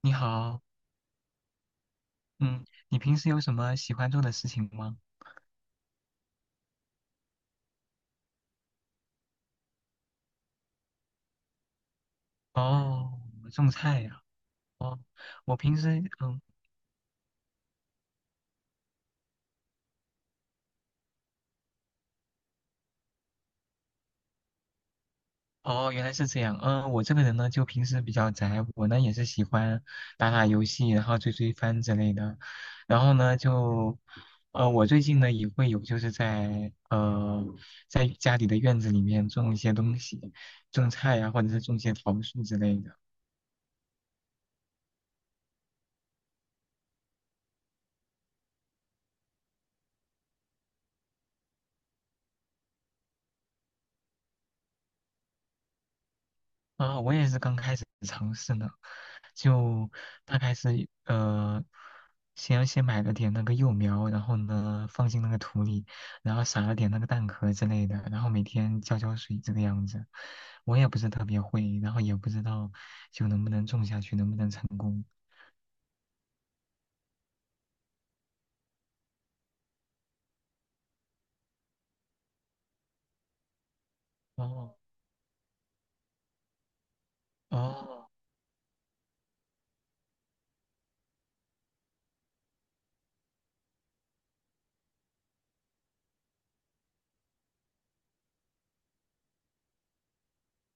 你好，嗯，你平时有什么喜欢做的事情吗？哦，种菜呀、哦，我平时，嗯，哦，原来是这样，嗯，我这个人呢，就平时比较宅，我呢也是喜欢打打游戏，然后追追番之类的，然后呢就，我最近呢也会有就是在在家里的院子里面种一些东西，种菜呀、或者是种一些桃树之类的。啊，我也是刚开始尝试呢，就大概是先买了点那个幼苗，然后呢放进那个土里，然后撒了点那个蛋壳之类的，然后每天浇浇水这个样子。我也不是特别会，然后也不知道就能不能种下去，能不能成功。哦哦，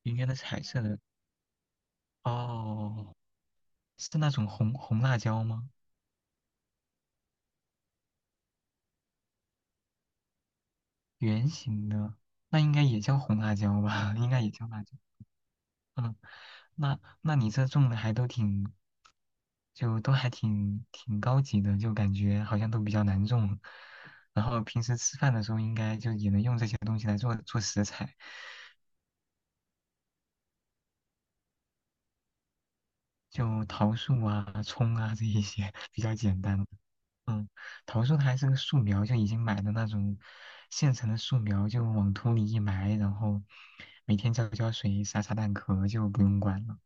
圆圆的彩色的，哦，是那种红辣椒吗？圆形的，那应该也叫红辣椒吧？应该也叫辣椒。嗯，那那你这种的还都挺，就都还挺高级的，就感觉好像都比较难种。然后平时吃饭的时候，应该就也能用这些东西来做做食材，就桃树啊、葱啊这一些 比较简单。嗯，桃树它还是个树苗，就已经买的那种现成的树苗，就往土里一埋，然后每天浇浇水、撒撒蛋壳就不用管了。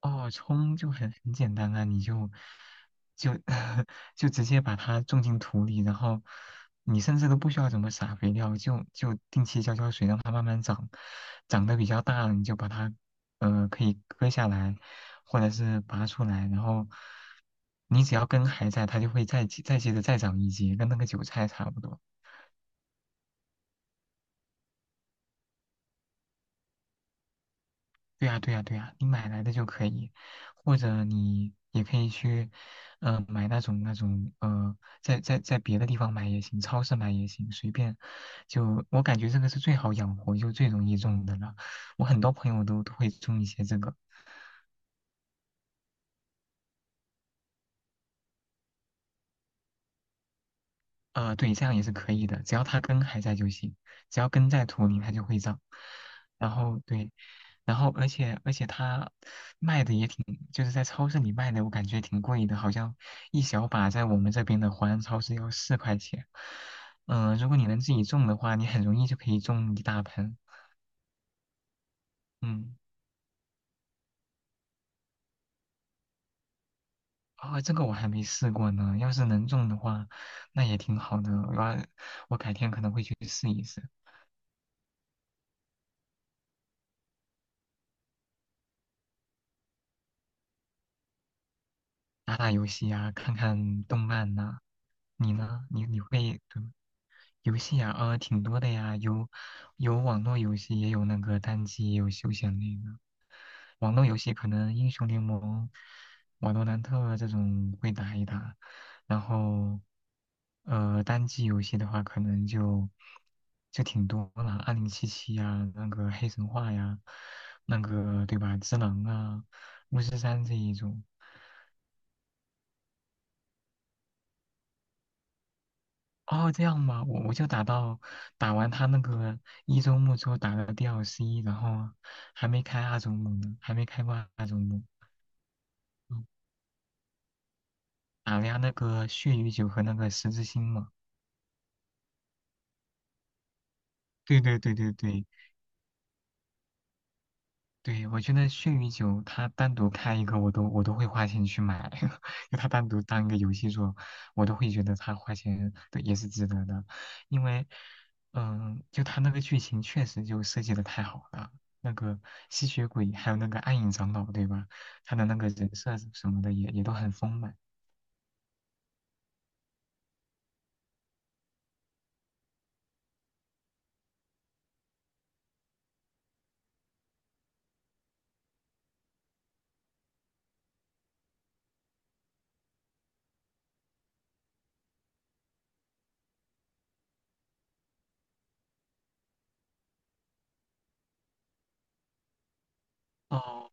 哦，葱就很简单啊，你就就 就直接把它种进土里，然后你甚至都不需要怎么撒肥料，就定期浇浇水，让它慢慢长，长得比较大了，你就把它可以割下来，或者是拔出来，然后你只要根还在，它就会再接着再长一节，跟那个韭菜差不多。对呀，对呀，对呀，你买来的就可以，或者你也可以去，买那种在别的地方买也行，超市买也行，随便。就我感觉这个是最好养活，就最容易种的了。我很多朋友都会种一些这个，对，这样也是可以的，只要它根还在就行，只要根在土里，它就会长。然后对，然后而且它卖的也挺，就是在超市里卖的，我感觉挺贵的，好像一小把在我们这边的华人超市要四块钱。如果你能自己种的话，你很容易就可以种一大盆。嗯，啊，这个我还没试过呢，要是能种的话，那也挺好的。我要我改天可能会去试一试。打打游戏呀、看看动漫呐、你呢？你你会对游戏呀、挺多的呀，有有网络游戏，也有那个单机，也有休闲类的。网络游戏可能英雄联盟、瓦罗兰特这种会打一打，然后单机游戏的话，可能就就挺多了，二零七七呀，那个黑神话呀，那个对吧，只狼啊，巫师三这一种。哦，这样嘛，我我就打到打完他那个一周目之后打了 DLC，然后还没开二周目呢，还没开过二周目，嗯，打了下那个血与酒和那个十字星嘛。对对对对对，对，我觉得血与酒，它单独开一个，我都会花钱去买，就它单独当一个游戏做，我都会觉得它花钱对也是值得的，因为，就它那个剧情确实就设计的太好了，那个吸血鬼还有那个暗影长老，对吧？他的那个人设什么的也也都很丰满。哦，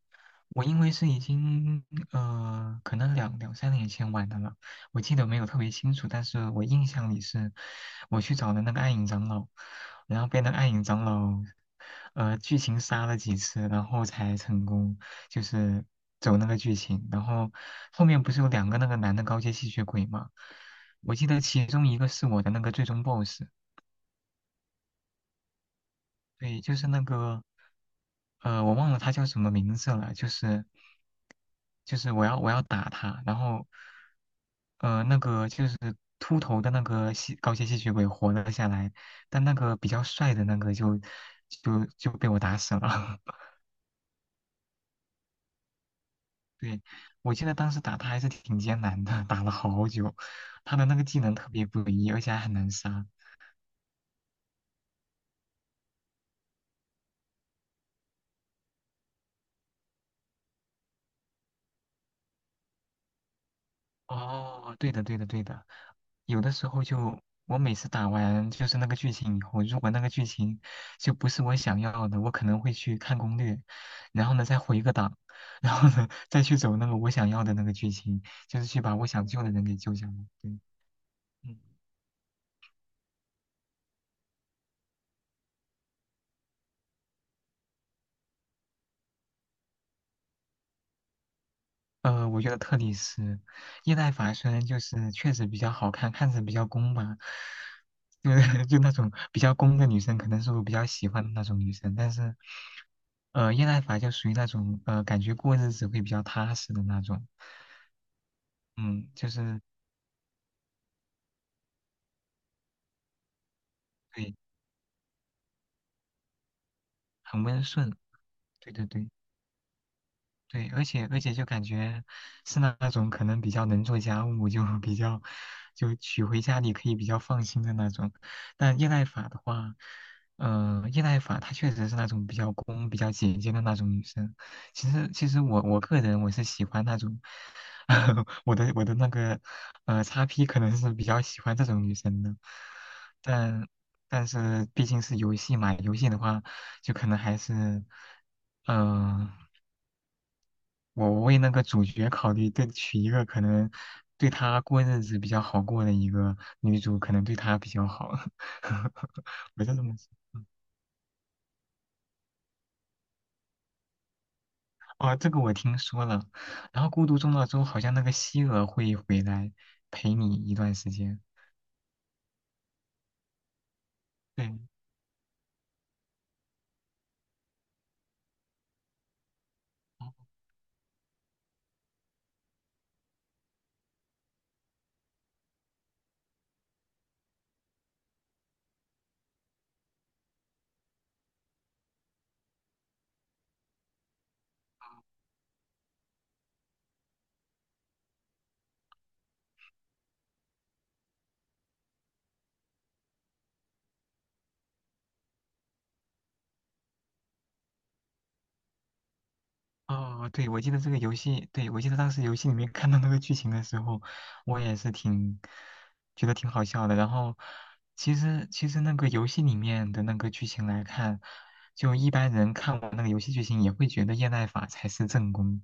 我因为是已经可能两三年前玩的了，我记得没有特别清楚，但是我印象里是，我去找了那个暗影长老，然后被那个暗影长老，剧情杀了几次，然后才成功，就是走那个剧情，然后后面不是有两个那个男的高阶吸血鬼嘛，我记得其中一个是我的那个最终 BOSS，对，就是那个，我忘了他叫什么名字了，就是就是我要打他，然后那个就是秃头的那个吸高阶吸血鬼活了下来，但那个比较帅的那个就被我打死了。对，我记得当时打他还是挺艰难的，打了好久，他的那个技能特别诡异，而且还很难杀。哦，对的，对的，对的。有的时候就，我每次打完就是那个剧情以后，如果那个剧情就不是我想要的，我可能会去看攻略，然后呢再回个档，然后呢再去走那个我想要的那个剧情，就是去把我想救的人给救下来。对，嗯我觉得特里斯叶奈法虽然就是确实比较好看，看着比较攻吧，就是 就那种比较攻的女生，可能是我比较喜欢的那种女生。但是，叶奈法就属于那种感觉过日子会比较踏实的那种，嗯，就是对，很温顺，对对对。对，而且就感觉是那那种可能比较能做家务，就比较就娶回家里可以比较放心的那种。但叶赖法的话，叶赖法她确实是那种比较公、比较姐姐的那种女生。其实我我个人我是喜欢那种，我的那个叉 P 可能是比较喜欢这种女生的，但但是毕竟是游戏嘛，游戏的话就可能还是。嗯、我为那个主角考虑，对，娶一个可能对他过日子比较好过的一个女主，可能对他比较好。我就这么想。哦，这个我听说了。然后《孤独终老》之后，好像那个希尔会回来陪你一段时间。对，哦哦，对，我记得这个游戏，对，我记得当时游戏里面 看到那个剧情的时候，我也是挺觉得挺好笑的。然后，其实那个游戏里面的那个剧情来看，就一般人看完那个游戏剧情也会觉得叶奈法才是正宫，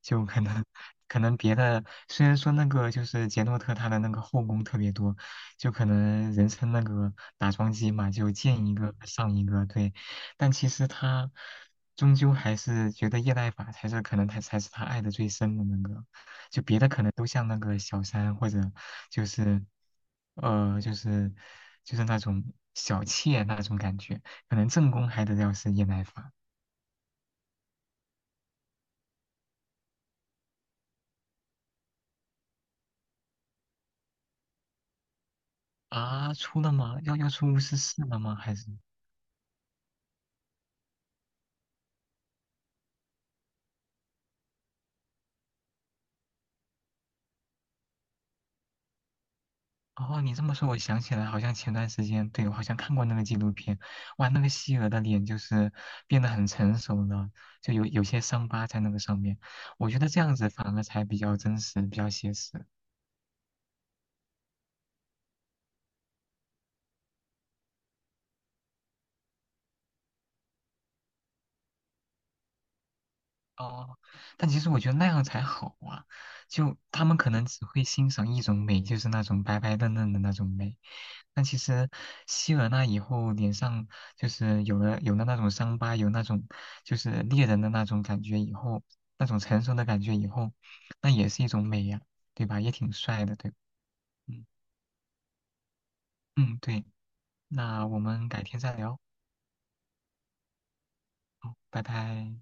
就可能别的虽然说那个就是杰诺特他的那个后宫特别多，就可能人称那个打桩机嘛，就见一个上一个，对。但其实他终究还是觉得叶赖法才是可能他才是他爱的最深的那个，就别的可能都像那个小三或者就是就是就是那种小妾那种感觉，可能正宫还得要是叶赖法啊，出了吗？要要出巫师四了吗？还是？哦，你这么说，我想起来，好像前段时间，对，我好像看过那个纪录片，哇，那个希尔的脸就是变得很成熟了，就有有些伤疤在那个上面，我觉得这样子反而才比较真实，比较写实。哦，但其实我觉得那样才好啊，就他们可能只会欣赏一种美，就是那种白白嫩嫩的那种美。但其实希了那以后，脸上就是有了那种伤疤，有那种就是猎人的那种感觉以后，那种成熟的感觉以后，那也是一种美呀，对吧？也挺帅的，对吧嗯嗯，对，那我们改天再聊，好，拜拜。